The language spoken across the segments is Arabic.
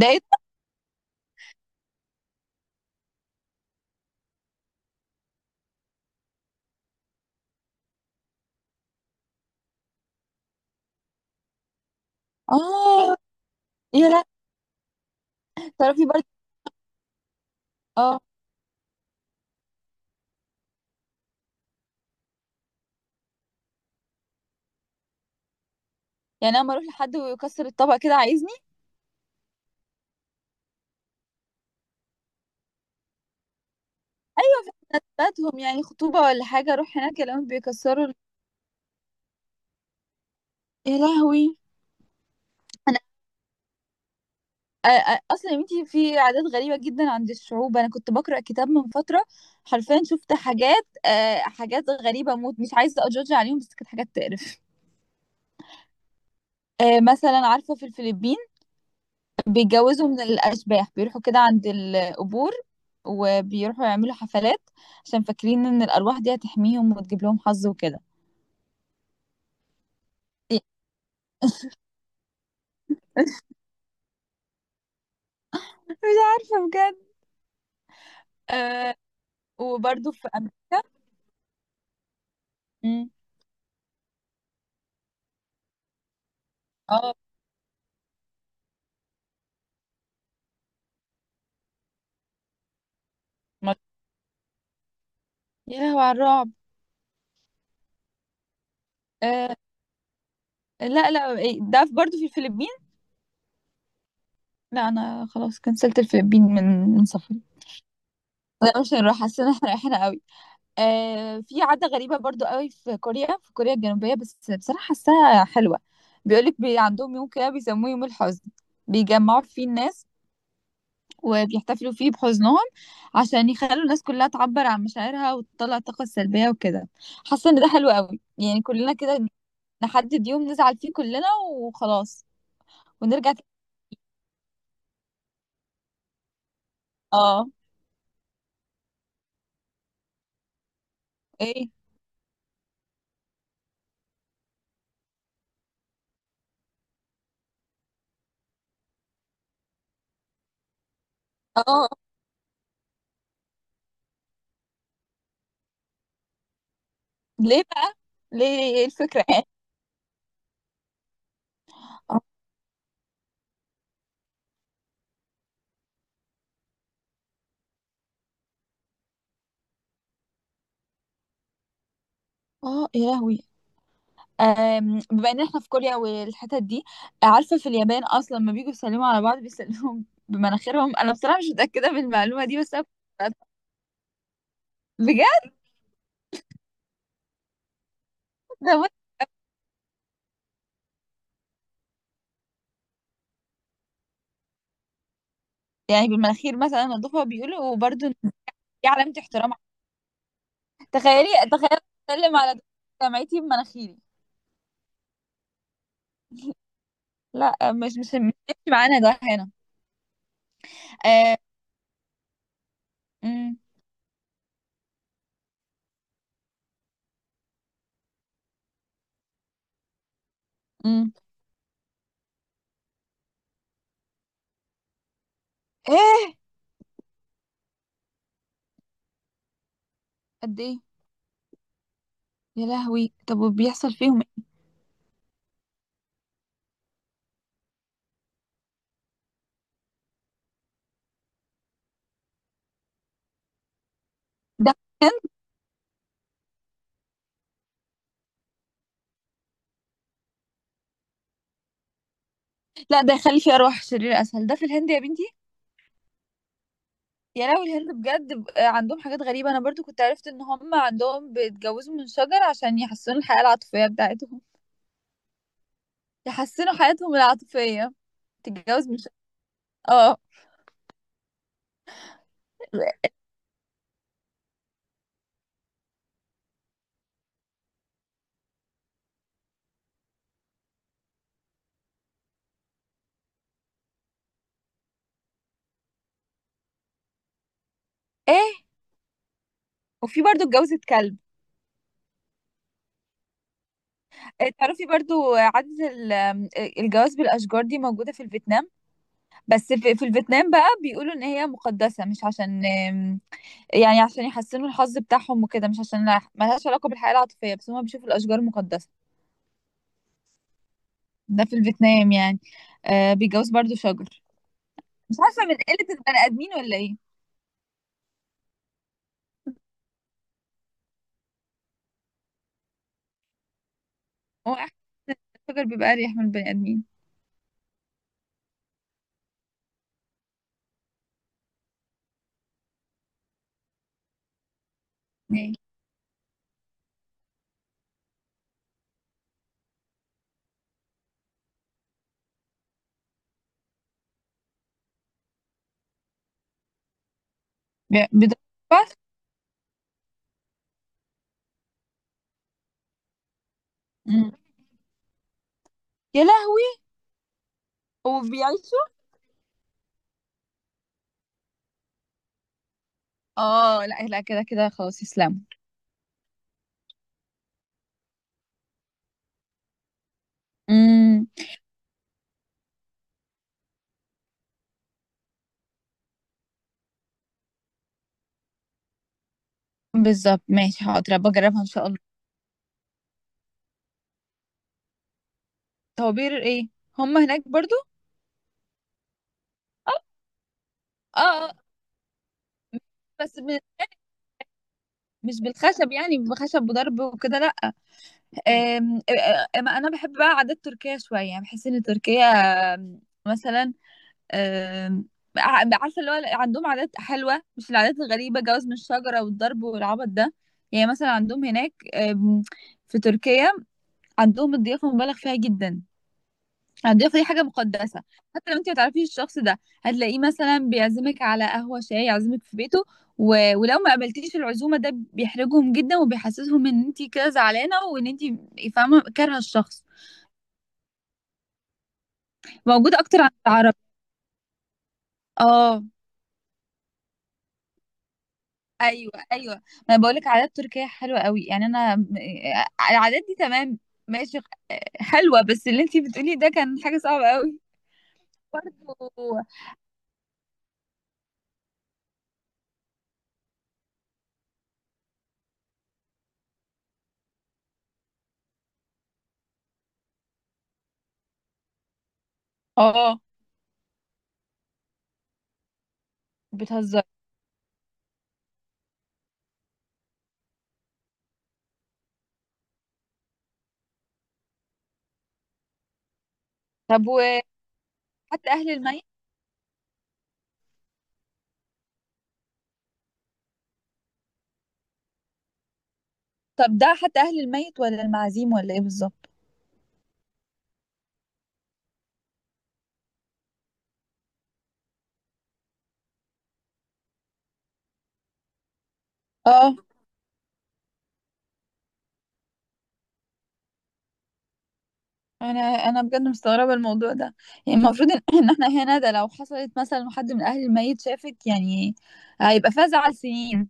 ده ايه ده؟ اه. يا لا. تعرفي برضه؟ اه. يعني انا لما اروح لحد ويكسر الطبق كده عايزني بتاعتهم، يعني خطوبه ولا حاجه، اروح هناك الاقيهم بيكسروا يا لهوي. انا أ- اصلا يا بنتي في عادات غريبه جدا عند الشعوب. انا كنت بقرا كتاب من فتره، حرفيا شفت حاجات حاجات غريبه موت، مش عايزه اجوج عليهم، بس كانت حاجات تقرف. مثلا عارفه في الفلبين بيتجوزوا من الأشباح، بيروحوا كده عند القبور وبيروحوا يعملوا حفلات عشان فاكرين إن الأرواح دي هتحميهم وتجيب لهم حظ وكده. إيه، مش عارفة بجد. آه. وبرضه في أمريكا. مم. اه ما- يا لهوي على الرعب. آه لا لا إيه، ده برضه في الفلبين. لا أنا خلاص كنسلت الفلبين من سفري. لا مش هنروح، حاسة إن احنا رايحين قوي. في عادة غريبة برضو قوي في كوريا، في كوريا الجنوبية، بس بصراحة حاساها حلوة. بيقولك عندهم يوم كده بيسموه يوم الحزن، بيجمعوا فيه الناس وبيحتفلوا فيه بحزنهم عشان يخلوا الناس كلها تعبر عن مشاعرها وتطلع الطاقة السلبية وكده. حاسة ان ده حلو قوي، يعني كلنا كده نحدد يوم نزعل فيه كلنا وخلاص ونرجع تاني. اه. ايه. اه. ليه بقى؟ ليه؟ ايه الفكرة؟ اه. يا لهوي. بما إن إحنا في كوريا والحتت دي، عارفة في اليابان أصلًا لمّا بييجوا يسلموا على بعض بيسلموا بمناخيرهم. أنا بصراحة مش متأكدة من المعلومة دي، بس أنا كنت بجد. والله! يعني بالمناخير مثلًا أنضفها بيقولوا، وبرضه إن دي علامة احترام. تخيلي، تخيلي أسلم على دكتور جامعتي بمناخيري. لأ، مش هيمشي معانا ده هنا. آآ إمم، إمم، إيه! قد إيه! يا لهوي! طب وبيحصل فيهم إيه؟ ده في الهند؟ لأ ده يخلّي فيه أرواح شريرة أسهل. ده في الهند يا بنتي؟ يا لهوي الهند بجد عندهم حاجات غريبة. أنا برضو كنت عرفت إن هم عندهم بيتجوزوا من شجر عشان يحسنوا الحياة العاطفية بتاعتهم. يحسنوا حياتهم العاطفية. تتجوز من شجر. اه. ايه. وفي برضو اتجوزت كلب. تعرفي برضو عادة ال- آم، آه، الجواز بالأشجار دي موجودة في الفيتنام. بس في الفيتنام بقى بيقولوا إن هي مقدسة، مش عشان يعني عشان يحسنوا الحظ بتاعهم وكده، مش عشان ملهاش علاقة بالحياة العاطفية، بس هم بيشوفوا الأشجار مقدسة. ده في الفيتنام يعني. بيتجوز برضو شجر. مش عارفة من قلة البني آدمين ولا ايه. هو أحلى، الشجر بيبقى أريح من البني آدمين. ايه بيدبر. يا لهوي. وبيعيشوا. اه لا لا، كده كده خلاص يسلموا. امم. بالظبط، ماشي حاضر بجربها ان شاء الله. طوابير ايه؟ هم هناك برضو؟ اه. آه. بس مش بالخشب، يعني بخشب وضرب وكده لا. أم... انا بحب بقى عادات تركيا شويه، يعني بحس ان تركيا آم، مثلا آم، عارفه اللي هو عندهم عادات حلوه، مش العادات الغريبه جواز من الشجره والضرب والعبط ده. يعني مثلا عندهم هناك في تركيا عندهم الضيافه مبالغ فيها جدا. الضيافه دي حاجه مقدسه، حتى لو انت ما تعرفيش الشخص ده هتلاقيه مثلا بيعزمك على قهوه شاي، يعزمك في بيته. ولو ما قبلتيش العزومه ده بيحرجهم جدا وبيحسسهم ان انت كده زعلانه وان انت فاهمه كارهه الشخص. موجوده اكتر عند العرب. اه ايوه ايوه ما انا بقول لك عادات تركيه حلوه قوي، يعني انا آه، العادات دي تمام، ماشي حلوه، بس اللي انتي بتقولي ده كان حاجه صعبه قوي برضه. اه بتهزر. طب وحتى اهل الميت. طب ده حتى اهل الميت ولا المعازيم ولا ايه بالظبط؟ اه. انا بجد مستغربه الموضوع ده. يعني المفروض ان إن احنا هنا ده لو حصلت مثلا حد من اهل الميت شافك يعني هيبقى فيها زعل سنين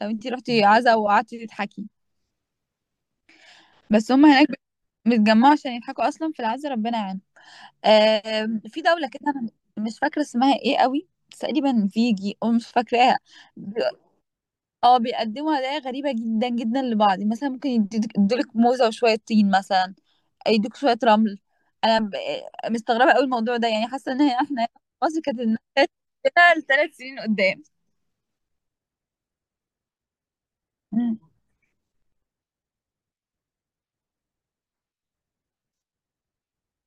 لو انتي رحتي عزا وقعدتي تضحكي. بس هم هناك بيتجمعوا عشان يضحكوا اصلا في العز، ربنا يعينهم. في دولة كده انا مش فاكرة اسمها ايه قوي، بس تقريبا فيجي او مش فاكراها. بي- اه، بيقدموا هدايا غريبة جدا جدا لبعض، مثلا ممكن يدولك موزة وشوية طين مثلا، يدوك شوية رمل. انا مستغربة قوي الموضوع ده، يعني حاسة ان احنا هنا في مصر كانت النكت كده ل3 سنين قدام. مم.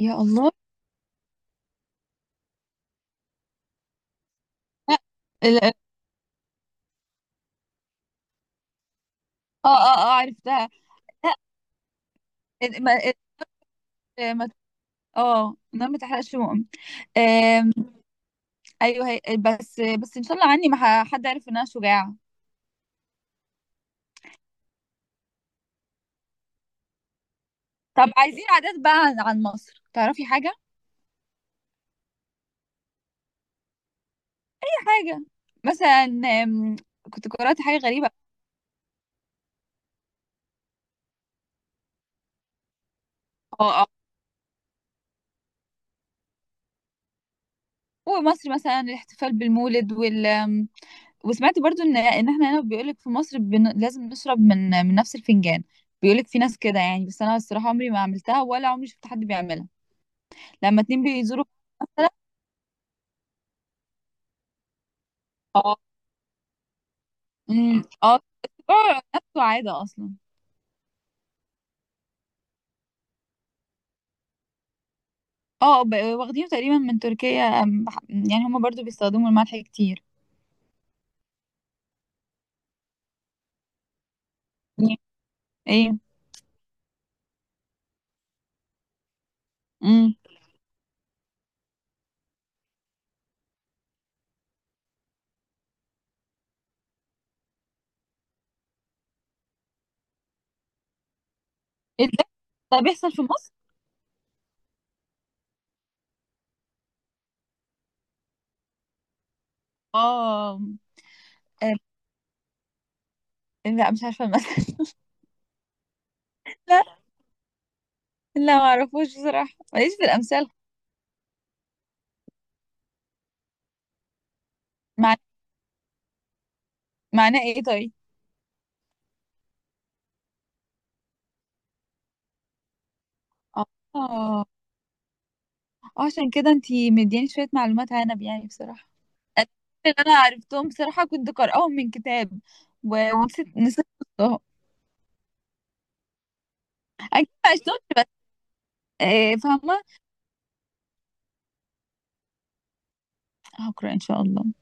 يا الله. لا، ال- ال- اه اه اه عرفتها. ال- ما ال- ما- اه النار ما تحرقش. آم، ايوه، بس بس ان شاء الله عني ما حد عارف ان انا شجاعه. طب عايزين عادات بقى عن عن مصر، تعرفي حاجه؟ اي حاجه. مثلا كنت قرأت حاجه غريبه. اه اه. ومصر مثلا الاحتفال بالمولد وال وسمعت برضو ان ان احنا هنا بيقولك في مصر لازم نشرب من من نفس الفنجان. بيقولك في ناس كده يعني، بس انا الصراحه عمري ما عملتها ولا عمري شفت حد بيعملها. لما اتنين بيزوروا مثلا. اه. أمم. اه بيقعوا نفس عاده اصلا. اه واخدينه تقريبا من تركيا، يعني هما برضو بيستخدموا الملح كتير. ايه. امم. ايه ده، ده بيحصل في مصر؟ اه. آه، لا مش عارفه المثل. لا لا، ما اعرفوش بصراحه ماليش في الامثال. مع... معناه ايه طيب؟ اه اه، عشان كده انتي مدياني شويه معلومات، عنب يعني بصراحه. الأسئلة اللي انا عرفتهم بصراحه كنت قارئاهم من كتاب ونسيت، نسيت احطهم. اكيد ما عشتهمش بس فاهمه. هقرا ان شاء الله.